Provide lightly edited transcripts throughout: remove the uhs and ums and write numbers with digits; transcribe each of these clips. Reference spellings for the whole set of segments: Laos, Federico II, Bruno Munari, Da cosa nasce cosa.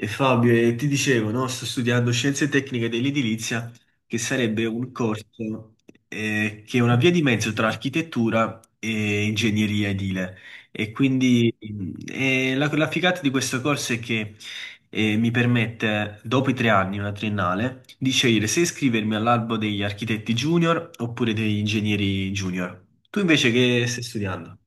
E Fabio, ti dicevo, no? Sto studiando scienze tecniche dell'edilizia, che sarebbe un corso che è una via di mezzo tra architettura e ingegneria edile. E quindi la figata di questo corso è che mi permette, dopo i 3 anni, una triennale, di scegliere se iscrivermi all'albo degli architetti junior oppure degli ingegneri junior. Tu invece che stai studiando?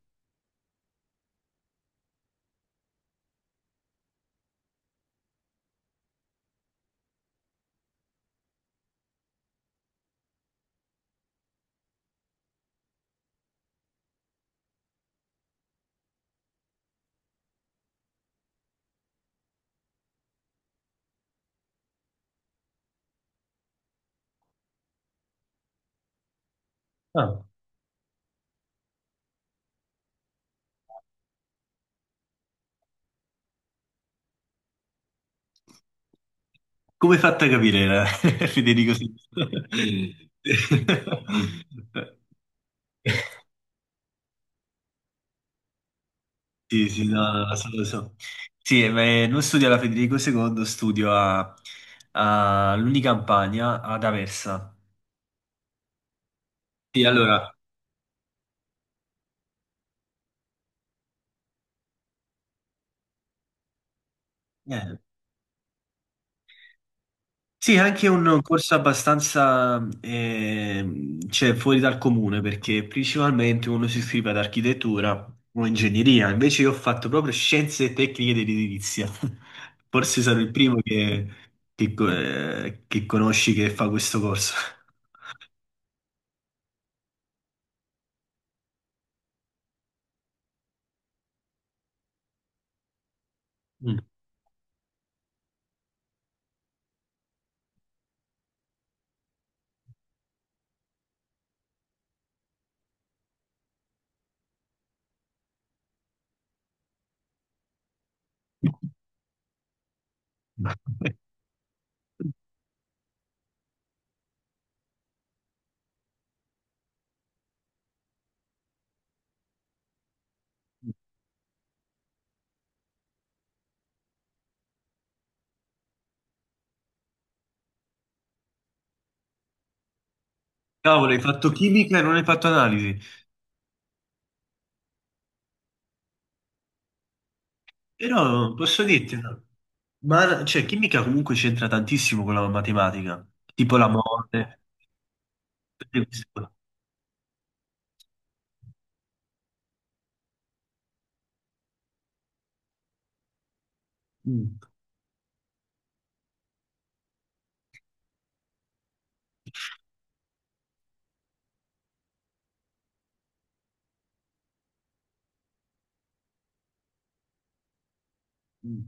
Come hai fatto a capire, Federico? Sì, sì, sì, no, no, lo so, lo so. Sì, ma, non studio alla Federico II, studio all'Unicampagna, ad Aversa. Sì, allora, eh, sì, è anche un corso abbastanza cioè, fuori dal comune perché principalmente uno si iscrive ad architettura o ingegneria, invece io ho fatto proprio scienze e tecniche dell'edilizia. Forse sarò il primo che conosci che fa questo corso. Mm. Cavolo, hai fatto chimica e non hai fatto analisi. Però posso dirti, no? Ma cioè, chimica comunque c'entra tantissimo con la matematica, tipo la mole. Mm. Mm.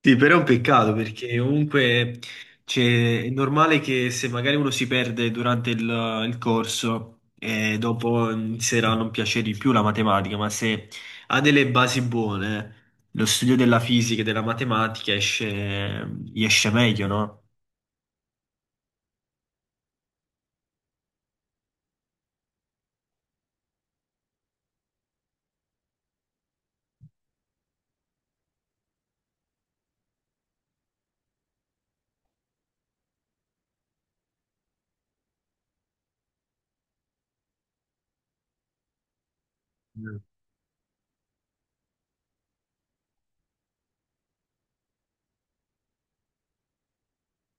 Sì, però è un peccato perché comunque cioè, è normale che se magari uno si perde durante il corso e dopo inizierà a non piacere di più la matematica, ma se ha delle basi buone, lo studio della fisica e della matematica esce, gli esce meglio, no? Mm.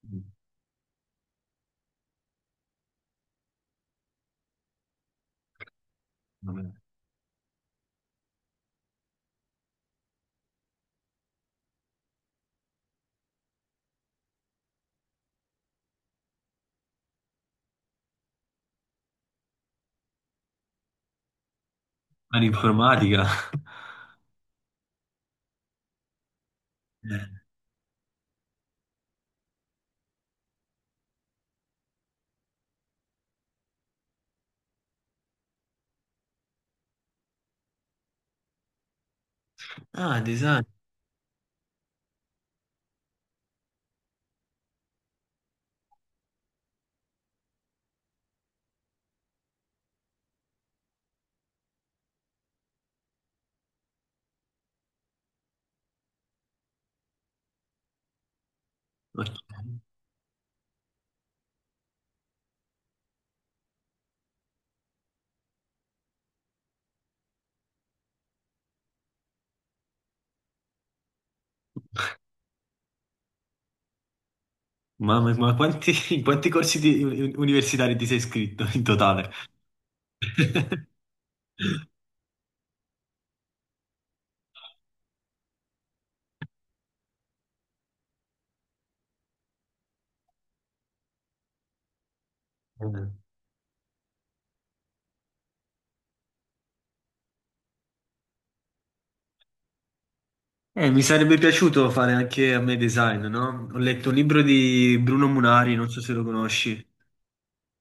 Mm. Vabbè. Ma l'informatica. Eh. Ah, design. Ok. Mamma mia, ma quanti, in quanti universitari ti sei iscritto in totale? Mi sarebbe piaciuto fare anche a me design, no? Ho letto un libro di Bruno Munari, non so se lo conosci.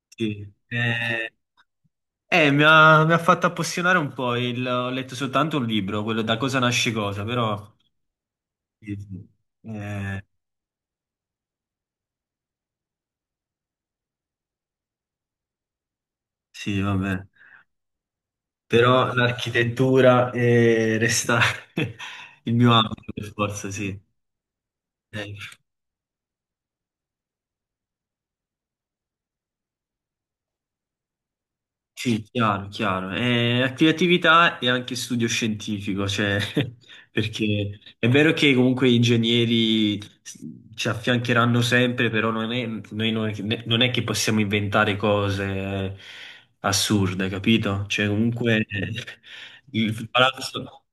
Sì. Mi ha fatto appassionare un po', ho letto soltanto un libro, quello Da cosa nasce cosa, però. Eh, sì, vabbè. Però l'architettura resta il mio ambito, per forza, sì. Eh, sì, chiaro, chiaro. Creatività e anche studio scientifico, cioè, perché è vero che comunque gli ingegneri ci affiancheranno sempre, però non è, noi non è, che non è che possiamo inventare cose assurde, capito? Cioè, comunque il palazzo.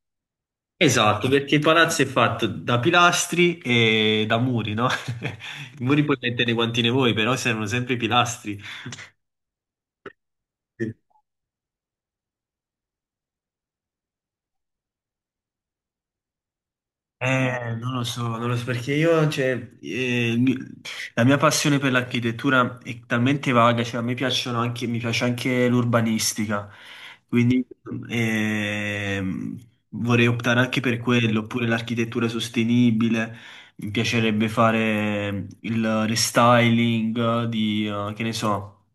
Esatto, perché il palazzo è fatto da pilastri e da muri, no? I muri puoi mettere quanti ne vuoi, però servono sempre i pilastri. Non lo so, non lo so perché io, cioè, la mia passione per l'architettura è talmente vaga, cioè a me piacciono anche, mi piace anche l'urbanistica, quindi ehm, vorrei optare anche per quello, oppure l'architettura sostenibile, mi piacerebbe fare il restyling di, che ne so,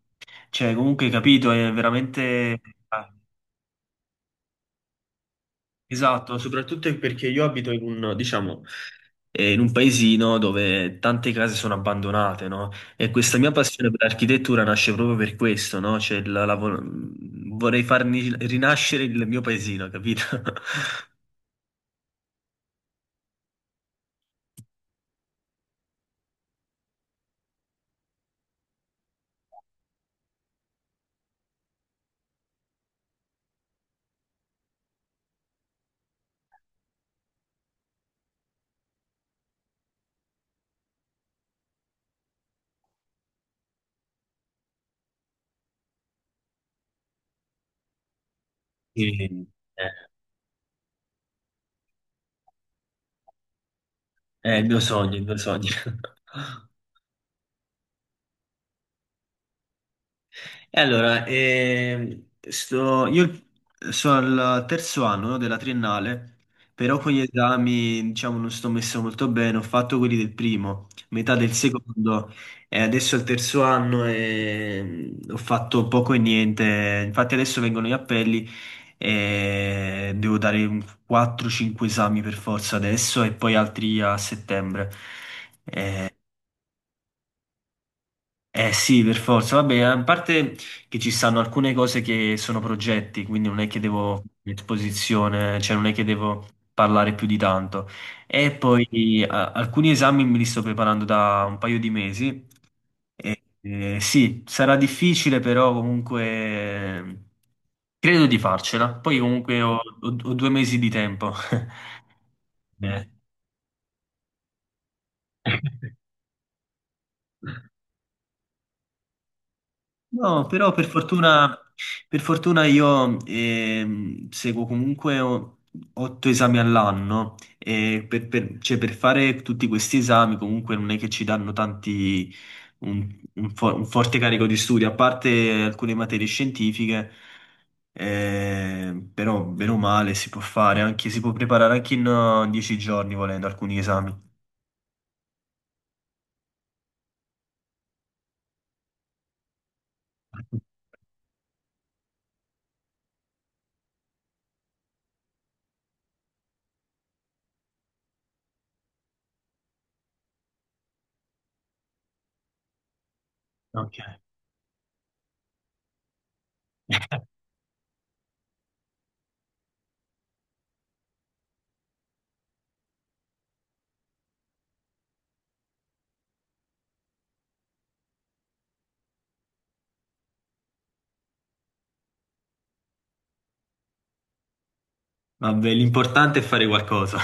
cioè comunque capito, è veramente. Ah, esatto, soprattutto perché io abito in un, diciamo, in un paesino dove tante case sono abbandonate, no? E questa mia passione per l'architettura nasce proprio per questo, no? Cioè, vorrei farmi rinascere il mio paesino, capito? Sì. Eh, è il mio sogno, il mio sogno. E allora, io sono al terzo anno, no, della triennale, però con gli esami, diciamo, non sto messo molto bene. Ho fatto quelli del primo, metà del secondo, e adesso al terzo anno e ho fatto poco e niente. Infatti adesso vengono gli appelli e devo dare un 4-5 esami per forza adesso e poi altri a settembre. Eh sì, per forza. Vabbè, a parte che ci stanno alcune cose che sono progetti, quindi non è che devo esposizione, cioè non è che devo parlare più di tanto. E poi alcuni esami me li sto preparando da un paio di mesi. E, sì, sarà difficile, però comunque credo di farcela. Poi comunque ho 2 mesi di tempo. Eh. No, però per fortuna io seguo comunque otto esami all'anno e cioè, per fare tutti questi esami comunque non è che ci danno tanti, un, un forte carico di studio, a parte alcune materie scientifiche, però bene o male si può fare, anche, si può preparare anche in 10 giorni volendo alcuni esami. Ok. Vabbè, l'importante è fare qualcosa.